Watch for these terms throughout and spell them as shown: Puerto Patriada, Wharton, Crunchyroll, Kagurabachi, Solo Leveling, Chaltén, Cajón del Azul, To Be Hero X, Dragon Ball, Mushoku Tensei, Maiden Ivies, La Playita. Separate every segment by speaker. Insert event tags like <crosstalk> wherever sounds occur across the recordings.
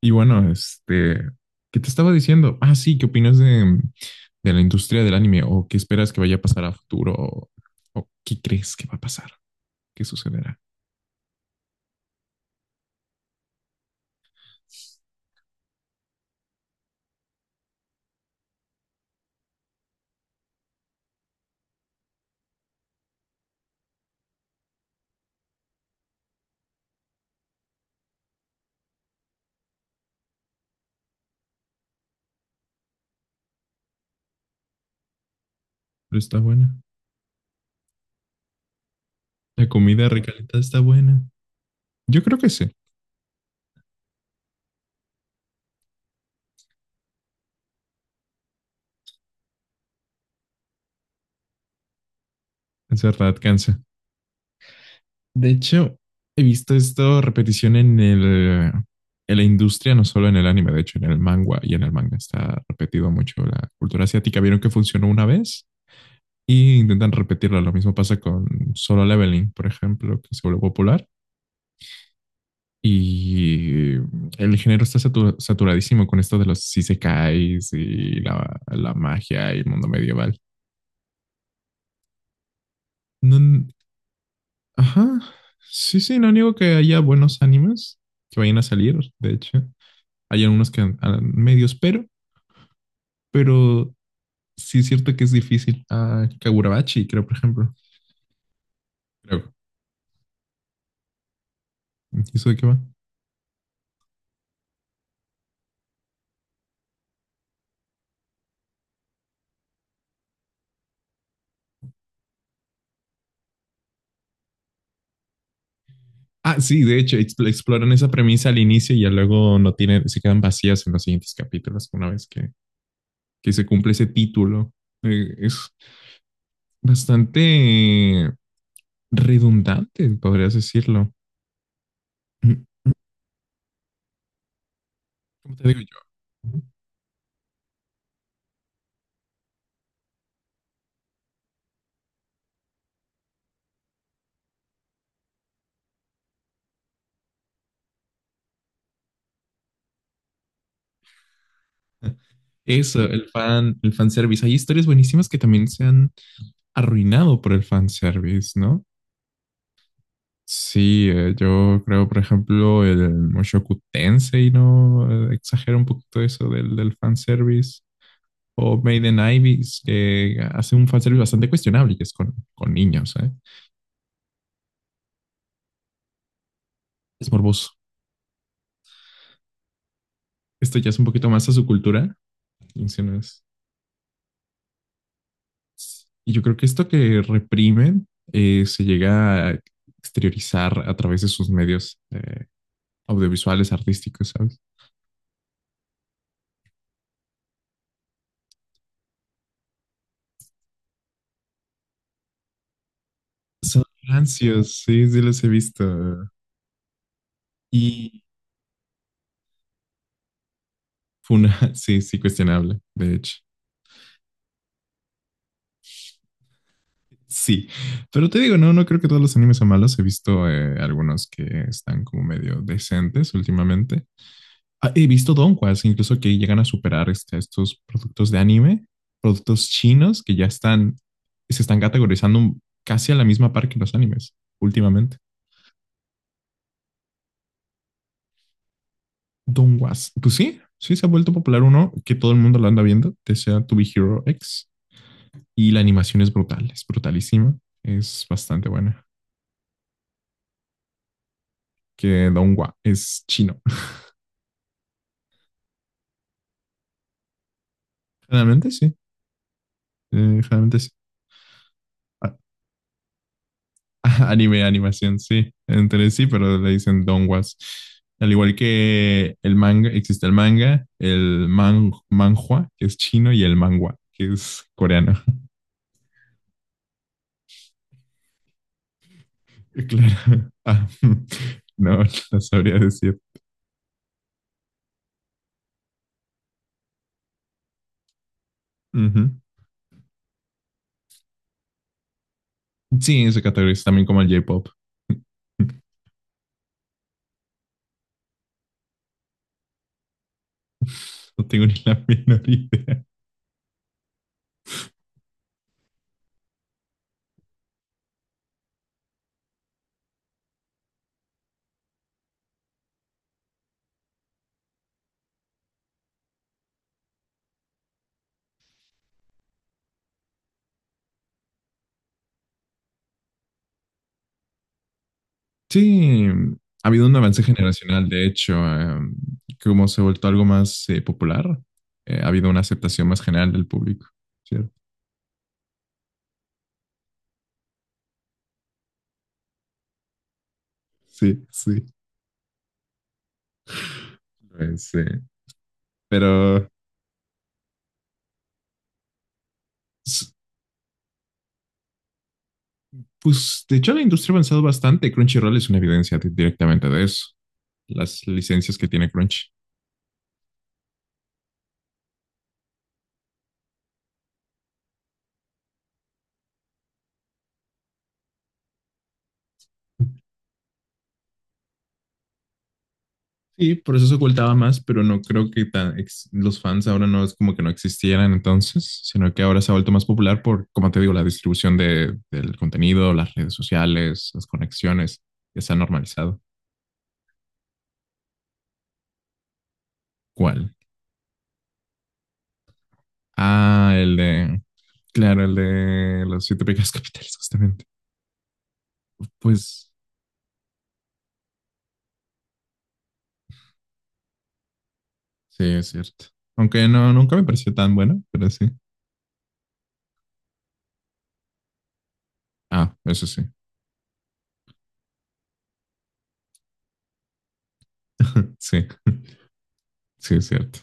Speaker 1: Y bueno, ¿qué te estaba diciendo? Ah, sí, ¿qué opinas de la industria del anime? ¿O qué esperas que vaya a pasar a futuro? O qué crees que va a pasar? ¿Qué sucederá? Pero está buena. La comida recalentada está buena. Yo creo que sí. Es verdad, cansa. De hecho, he visto esto repetición en la industria, no solo en el anime, de hecho, en el manga y en el manga está repetido mucho la cultura asiática. ¿Vieron que funcionó una vez? Y intentan repetirla. Lo mismo pasa con Solo Leveling, por ejemplo, que se volvió popular. Y el género está saturadísimo con esto de los isekais y la magia y el mundo medieval. No, ajá, sí, sí, no niego que haya buenos animes que vayan a salir, de hecho. Hay algunos que a medios, pero sí es cierto que es difícil. Ah, Kagurabachi, creo, por ejemplo. Creo. ¿Y eso de qué va? Ah, sí, de hecho, exploran esa premisa al inicio y ya luego no tienen, se quedan vacías en los siguientes capítulos una vez que se cumple ese título. Es bastante redundante, podrías decirlo. <laughs> ¿Cómo te digo yo? ¿No? Eso, el fanservice. Hay historias buenísimas que también se han arruinado por el fanservice, ¿no? Sí, yo creo, por ejemplo, el Mushoku Tensei, ¿no? Exagera un poquito eso del fanservice. O Maiden Ivies, que hace un fanservice bastante cuestionable, que es con niños, ¿eh? Es morboso. Esto ya es un poquito más a su cultura, mencionas. Y yo creo que esto que reprimen se llega a exteriorizar a través de sus medios audiovisuales, artísticos, ¿sabes? Son rancios, sí, sí los he visto. Y Funa, <laughs> sí, sí, cuestionable, de hecho. Sí, pero te digo, no, no creo que todos los animes sean malos. He visto algunos que están como medio decentes últimamente. Ah, he visto donquas, incluso que llegan a superar este, estos productos de anime, productos chinos que ya están, se están categorizando casi a la misma par que los animes últimamente. Donguas, pues sí, sí se ha vuelto popular uno que todo el mundo lo anda viendo, que sea To Be Hero X, y la animación es brutal, es brutalísima, es bastante buena. Que Dongua es chino. <laughs> Generalmente sí, generalmente sí. Ah, <laughs> ajá, anime, animación, sí. Entre sí, pero le dicen donguas. Al igual que el manga, existe el manga, manhua, que es chino, y el manhwa, que es coreano. <laughs> Claro. Ah, <laughs> no, no sabría decir. Ujú. Sí, se categoriza también como el J-pop. <laughs> No tengo ni la <laughs> menor idea. Sí, ha habido un avance generacional, de hecho, como se ha vuelto algo más popular, ha habido una aceptación más general del público, ¿cierto? Sí, sí. Pues, pero, s- pues, de hecho, la industria ha avanzado bastante. Crunchyroll es una evidencia directamente de eso, las licencias que tiene Crunchy. Sí, por eso se ocultaba más, pero no creo que tan ex- los fans ahora no es como que no existieran entonces, sino que ahora se ha vuelto más popular por, como te digo, la distribución del contenido, las redes sociales, las conexiones, ya se ha normalizado. ¿Cuál? Ah, claro, el de los 7 pecados <laughs> capitales, justamente. Pues sí, es cierto. Aunque no, nunca me pareció tan bueno, pero sí. Ah, eso sí. <laughs> Sí, sí, es cierto.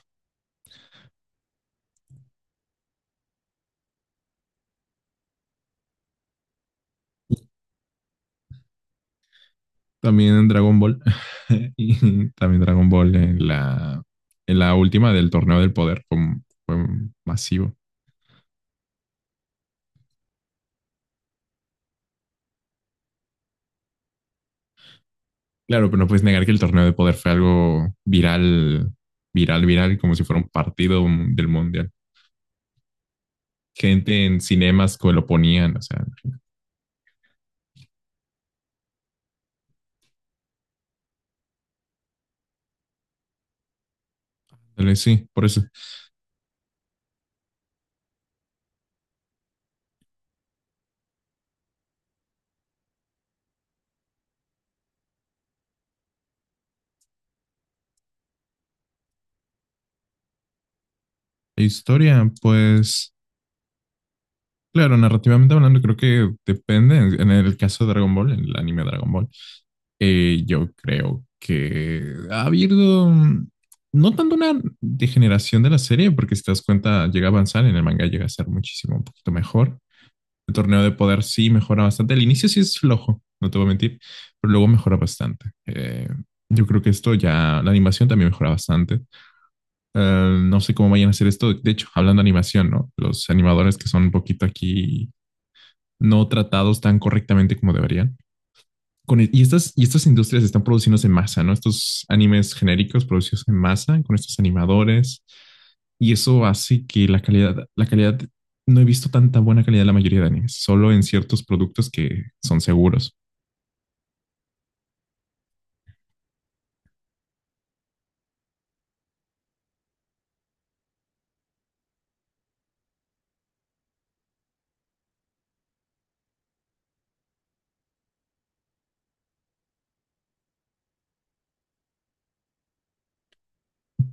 Speaker 1: También en Dragon Ball. <laughs> Y también Dragon Ball en en la última del torneo del poder fue masivo. Claro, pero no puedes negar que el torneo del poder fue algo viral, viral, como si fuera un partido del mundial. Gente en cinemas que lo ponían, o sea, dale, sí, por eso. La historia, pues, claro, narrativamente hablando, creo que depende. En el caso de Dragon Ball, en el anime Dragon Ball, yo creo que ha habido no tanto una degeneración de la serie, porque si te das cuenta, llega a avanzar, en el manga llega a ser muchísimo, un poquito mejor. El torneo de poder sí mejora bastante. El inicio sí es flojo, no te voy a mentir, pero luego mejora bastante. Yo creo que esto ya, la animación también mejora bastante. No sé cómo vayan a hacer esto. De hecho, hablando de animación, ¿no? Los animadores que son un poquito aquí no tratados tan correctamente como deberían. Y estas industrias están produciéndose en masa, ¿no? Estos animes genéricos producidos en masa con estos animadores. Y eso hace que la calidad, no he visto tanta buena calidad en la mayoría de animes, solo en ciertos productos que son seguros.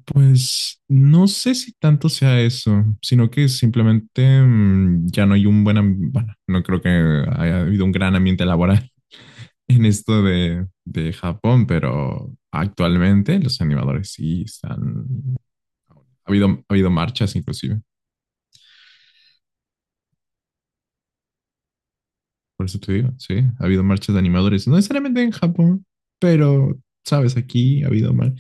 Speaker 1: Pues no sé si tanto sea eso, sino que simplemente ya no hay un buen ambiente, bueno, no creo que haya habido un gran ambiente laboral en esto de Japón, pero actualmente los animadores sí están... ha habido marchas inclusive, por eso te digo, sí, ha habido marchas de animadores, no necesariamente en Japón, pero, sabes, aquí ha habido mar...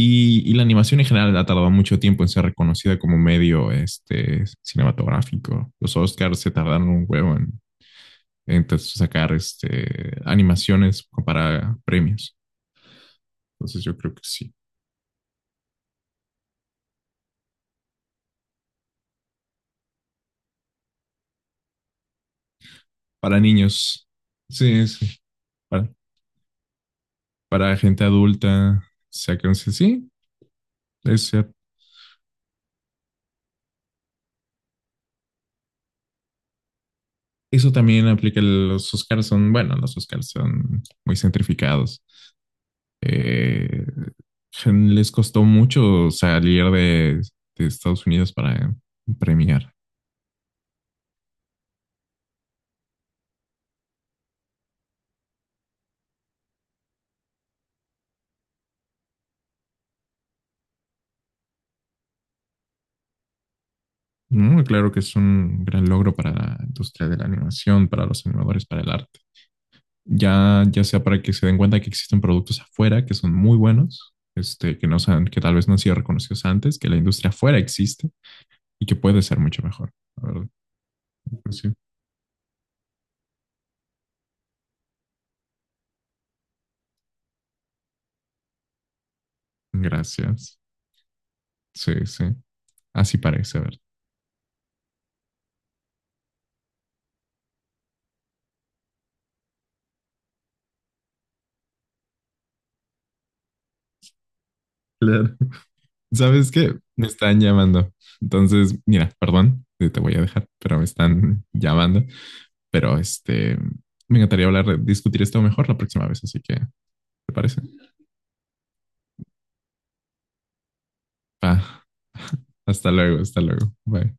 Speaker 1: Y, y la animación en general ha tardado mucho tiempo en ser reconocida como medio este, cinematográfico. Los Oscars se tardaron un huevo en sacar este, animaciones para premios. Entonces yo creo que sí. Para niños, sí, sí. Para, para gente adulta. Sacan, sí, es cierto. Eso también aplica, los Oscars son, bueno, los Oscars son muy centrificados. Eh, les costó mucho salir de Estados Unidos para premiar. ¿No? Claro que es un gran logro para la industria de la animación, para los animadores, para el arte. Ya sea para que se den cuenta que existen productos afuera que son muy buenos, este, no sean, que tal vez no han sido reconocidos antes, que la industria afuera existe y que puede ser mucho mejor. La verdad. Pues sí. Gracias. Sí, sí. Así parece, a ver. Claro. ¿Sabes qué? Me están llamando. Entonces, mira, perdón, te voy a dejar, pero me están llamando. Pero este, me encantaría hablar, discutir esto mejor la próxima vez, así que, ¿te parece? Va. <laughs> Hasta luego, hasta luego. Bye.